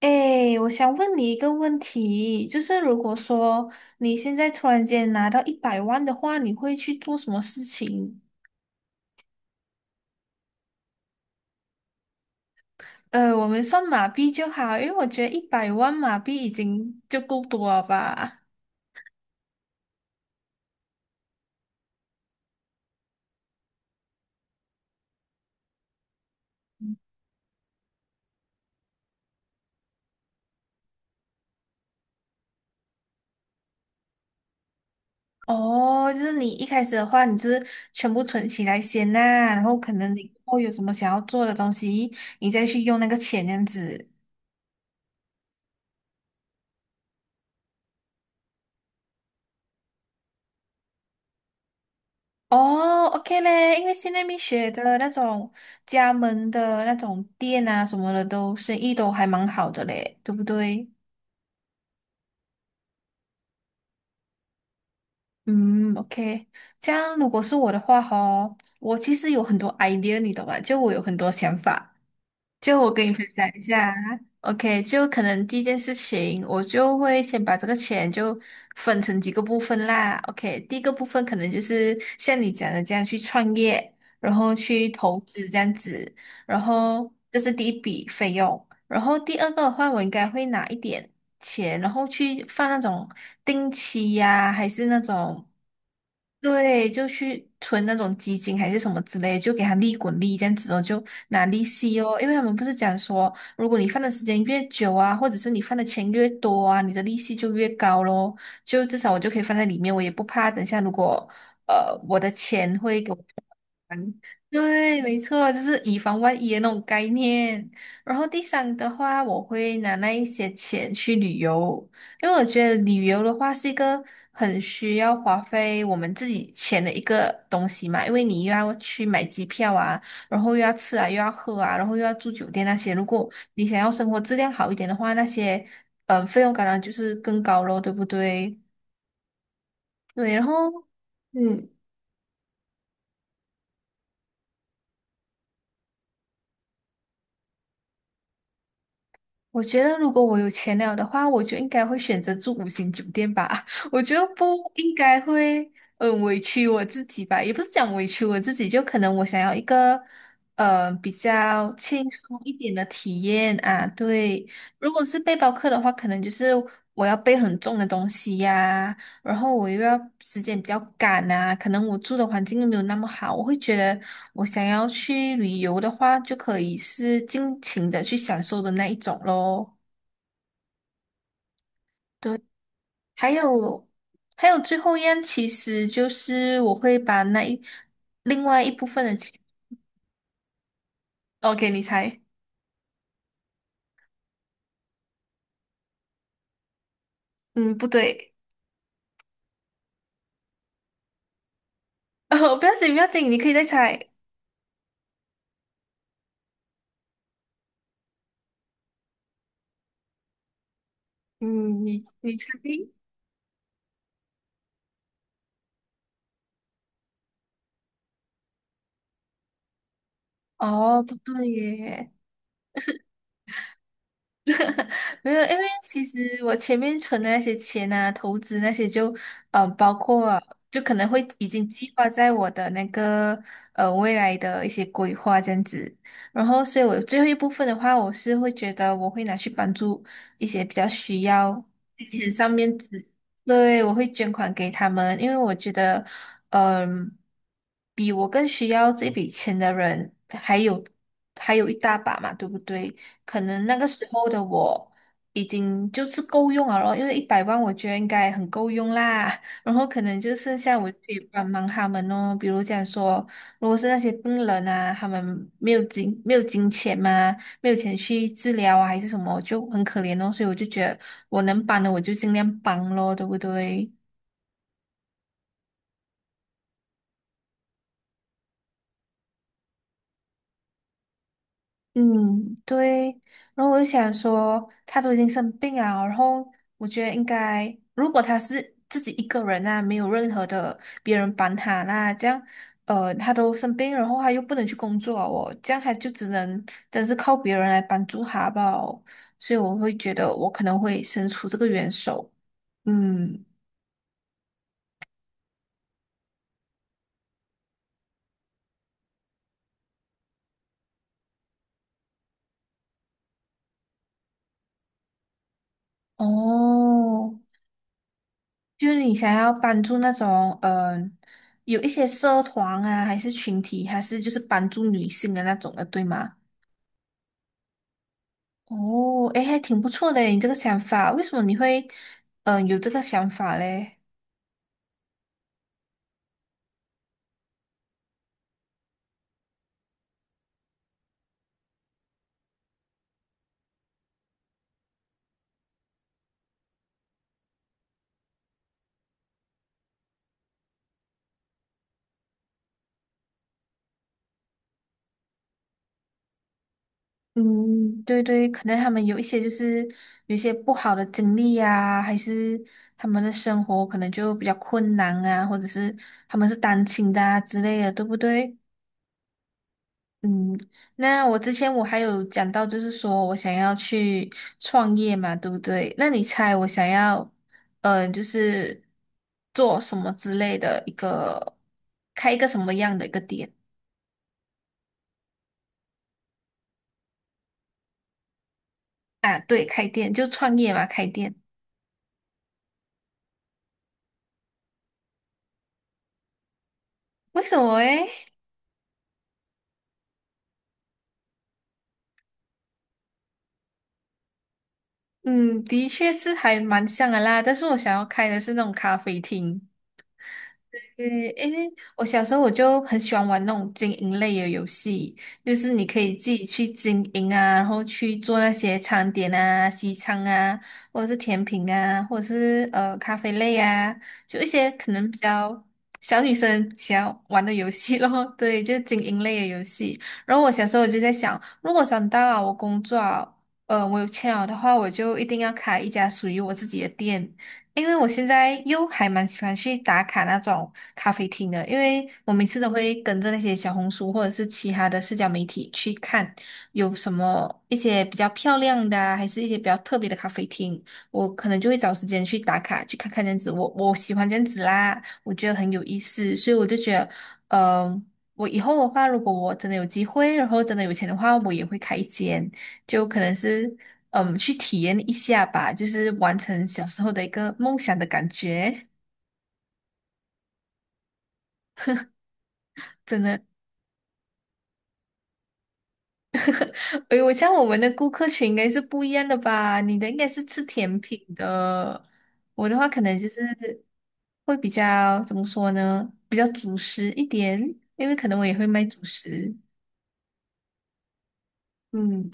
哎，我想问你一个问题，就是如果说你现在突然间拿到一百万的话，你会去做什么事情？我们算马币就好，因为我觉得一百万马币已经就够多了吧。哦，就是你一开始的话，你就是全部存起来先呐、然后可能你以后有什么想要做的东西，你再去用那个钱这样子。哦，OK 嘞，因为现在蜜雪的那种加盟的那种店啊什么的都，生意都还蛮好的嘞，对不对？嗯，OK，这样如果是我的话吼，我其实有很多 idea，你懂吧？就我有很多想法，就我跟你分享一下啊，OK，就可能第一件事情，我就会先把这个钱就分成几个部分啦。OK，第一个部分可能就是像你讲的这样去创业，然后去投资这样子，然后这是第一笔费用。然后第二个的话，我应该会拿一点钱，然后去放那种定期呀、还是那种。对，就去存那种基金还是什么之类，就给他利滚利，这样子哦，就拿利息哦。因为他们不是讲说，如果你放的时间越久啊，或者是你放的钱越多啊，你的利息就越高咯。就至少我就可以放在里面，我也不怕等下如果我的钱会给我对，没错，就是以防万一的那种概念。然后第三的话，我会拿那一些钱去旅游，因为我觉得旅游的话是一个很需要花费我们自己钱的一个东西嘛，因为你又要去买机票啊，然后又要吃啊，又要喝啊，然后又要住酒店那些。如果你想要生活质量好一点的话，那些费用当然就是更高咯，对不对？对，然后。嗯，我觉得如果我有钱了的话，我就应该会选择住五星酒店吧。我觉得不应该会委屈我自己吧，也不是讲委屈我自己，就可能我想要一个比较轻松一点的体验啊。对，如果是背包客的话，可能就是我要背很重的东西呀、然后我又要时间比较赶啊，可能我住的环境又没有那么好，我会觉得我想要去旅游的话，就可以是尽情的去享受的那一种咯。对，还有还有最后一样，其实就是我会把另外一部分的钱，OK，你猜，嗯，不对，哦，不要紧，不要紧，你可以再猜，嗯，你猜，哦，不对耶，没有，因为其实我前面存的那些钱啊，投资那些就，包括就可能会已经计划在我的那个未来的一些规划这样子。然后，所以我最后一部分的话，我是会觉得我会拿去帮助一些比较需要金钱上面子，对，我会捐款给他们，因为我觉得，嗯、比我更需要这笔钱的人还有一大把嘛，对不对？可能那个时候的我已经就是够用了后因为一百万我觉得应该很够用啦。然后可能就剩下我可以帮忙他们哦，比如讲说，如果是那些病人啊，他们没有金钱嘛，没有钱去治疗啊，还是什么，就很可怜哦。所以我就觉得我能帮的我就尽量帮咯，对不对？嗯，对。然后我就想说，他都已经生病啊，然后我觉得应该，如果他是自己一个人啊，没有任何的别人帮他啦，这样，他都生病，然后他又不能去工作啊我这样他就只能真是靠别人来帮助他吧。所以我会觉得我可能会伸出这个援手。嗯，哦，就是你想要帮助那种，有一些社团啊，还是群体，还是就是帮助女性的那种的，对吗？哦，诶，还挺不错的，你这个想法，为什么你会，有这个想法嘞？嗯，对对，可能他们有一些不好的经历啊，还是他们的生活可能就比较困难啊，或者是他们是单亲的啊之类的，对不对？嗯，那我之前我还有讲到，就是说我想要去创业嘛，对不对？那你猜我想要，就是做什么之类的一个，开一个什么样的一个店啊？对，开店就创业嘛，开店。为什么诶？嗯，的确是还蛮像的啦，但是我想要开的是那种咖啡厅。对，诶，我小时候我就很喜欢玩那种经营类的游戏，就是你可以自己去经营啊，然后去做那些餐点啊、西餐啊，或者是甜品啊，或者是咖啡类啊，就一些可能比较小女生想要玩的游戏咯。对，就是经营类的游戏。然后我小时候我就在想，如果长大了我工作啊，我有钱了的话，我就一定要开一家属于我自己的店。因为我现在又还蛮喜欢去打卡那种咖啡厅的，因为我每次都会跟着那些小红书或者是其他的社交媒体去看有什么一些比较漂亮的啊还是一些比较特别的咖啡厅，我可能就会找时间去打卡，去看看这样子。我喜欢这样子啦，我觉得很有意思，所以我就觉得，嗯、我以后的话，如果我真的有机会，然后真的有钱的话，我也会开一间。就可能是去体验一下吧，就是完成小时候的一个梦想的感觉。真的，哎，我像我们的顾客群应该是不一样的吧？你的应该是吃甜品的，我的话可能就是会比较怎么说呢？比较主食一点，因为可能我也会卖主食。嗯，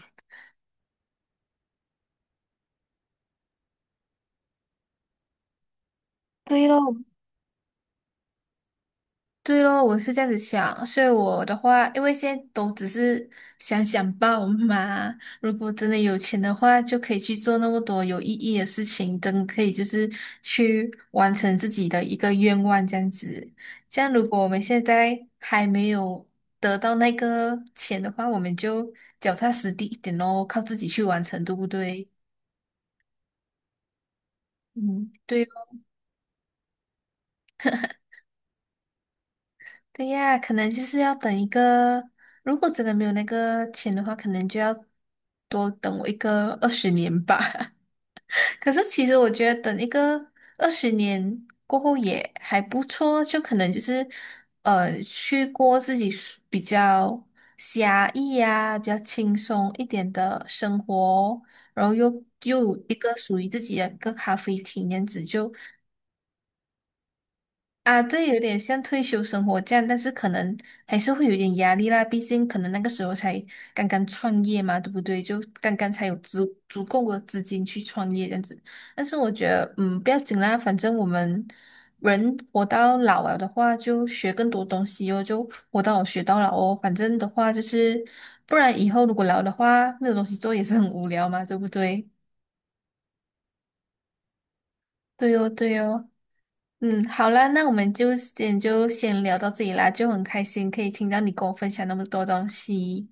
对咯，对咯，我是这样子想，所以我的话，因为现在都只是想想报嘛。如果真的有钱的话，就可以去做那么多有意义的事情，真的可以就是去完成自己的一个愿望这样子。这样，如果我们现在还没有得到那个钱的话，我们就脚踏实地一点咯，靠自己去完成，对不对？嗯，对。对呀，可能就是要等一个，如果真的没有那个钱的话，可能就要多等我一个二十年吧。可是其实我觉得等一个二十年过后也还不错，就可能就是去过自己比较狭义呀、比较轻松一点的生活哦，然后又有一个属于自己的一个咖啡厅，这样子就。啊，对，有点像退休生活这样，但是可能还是会有点压力啦。毕竟可能那个时候才刚刚创业嘛，对不对？就刚刚才有足足够的资金去创业这样子。但是我觉得，不要紧啦，反正我们人活到老了的话，就学更多东西哦，就活到老学到老哦。反正的话就是，不然以后如果老的话，没有东西做也是很无聊嘛，对不对？对哦，对哦。嗯，好啦，那我们就先聊到这里啦，就很开心可以听到你跟我分享那么多东西。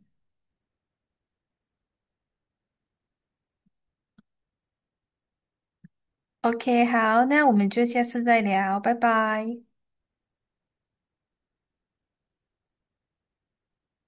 OK，好，那我们就下次再聊，拜拜。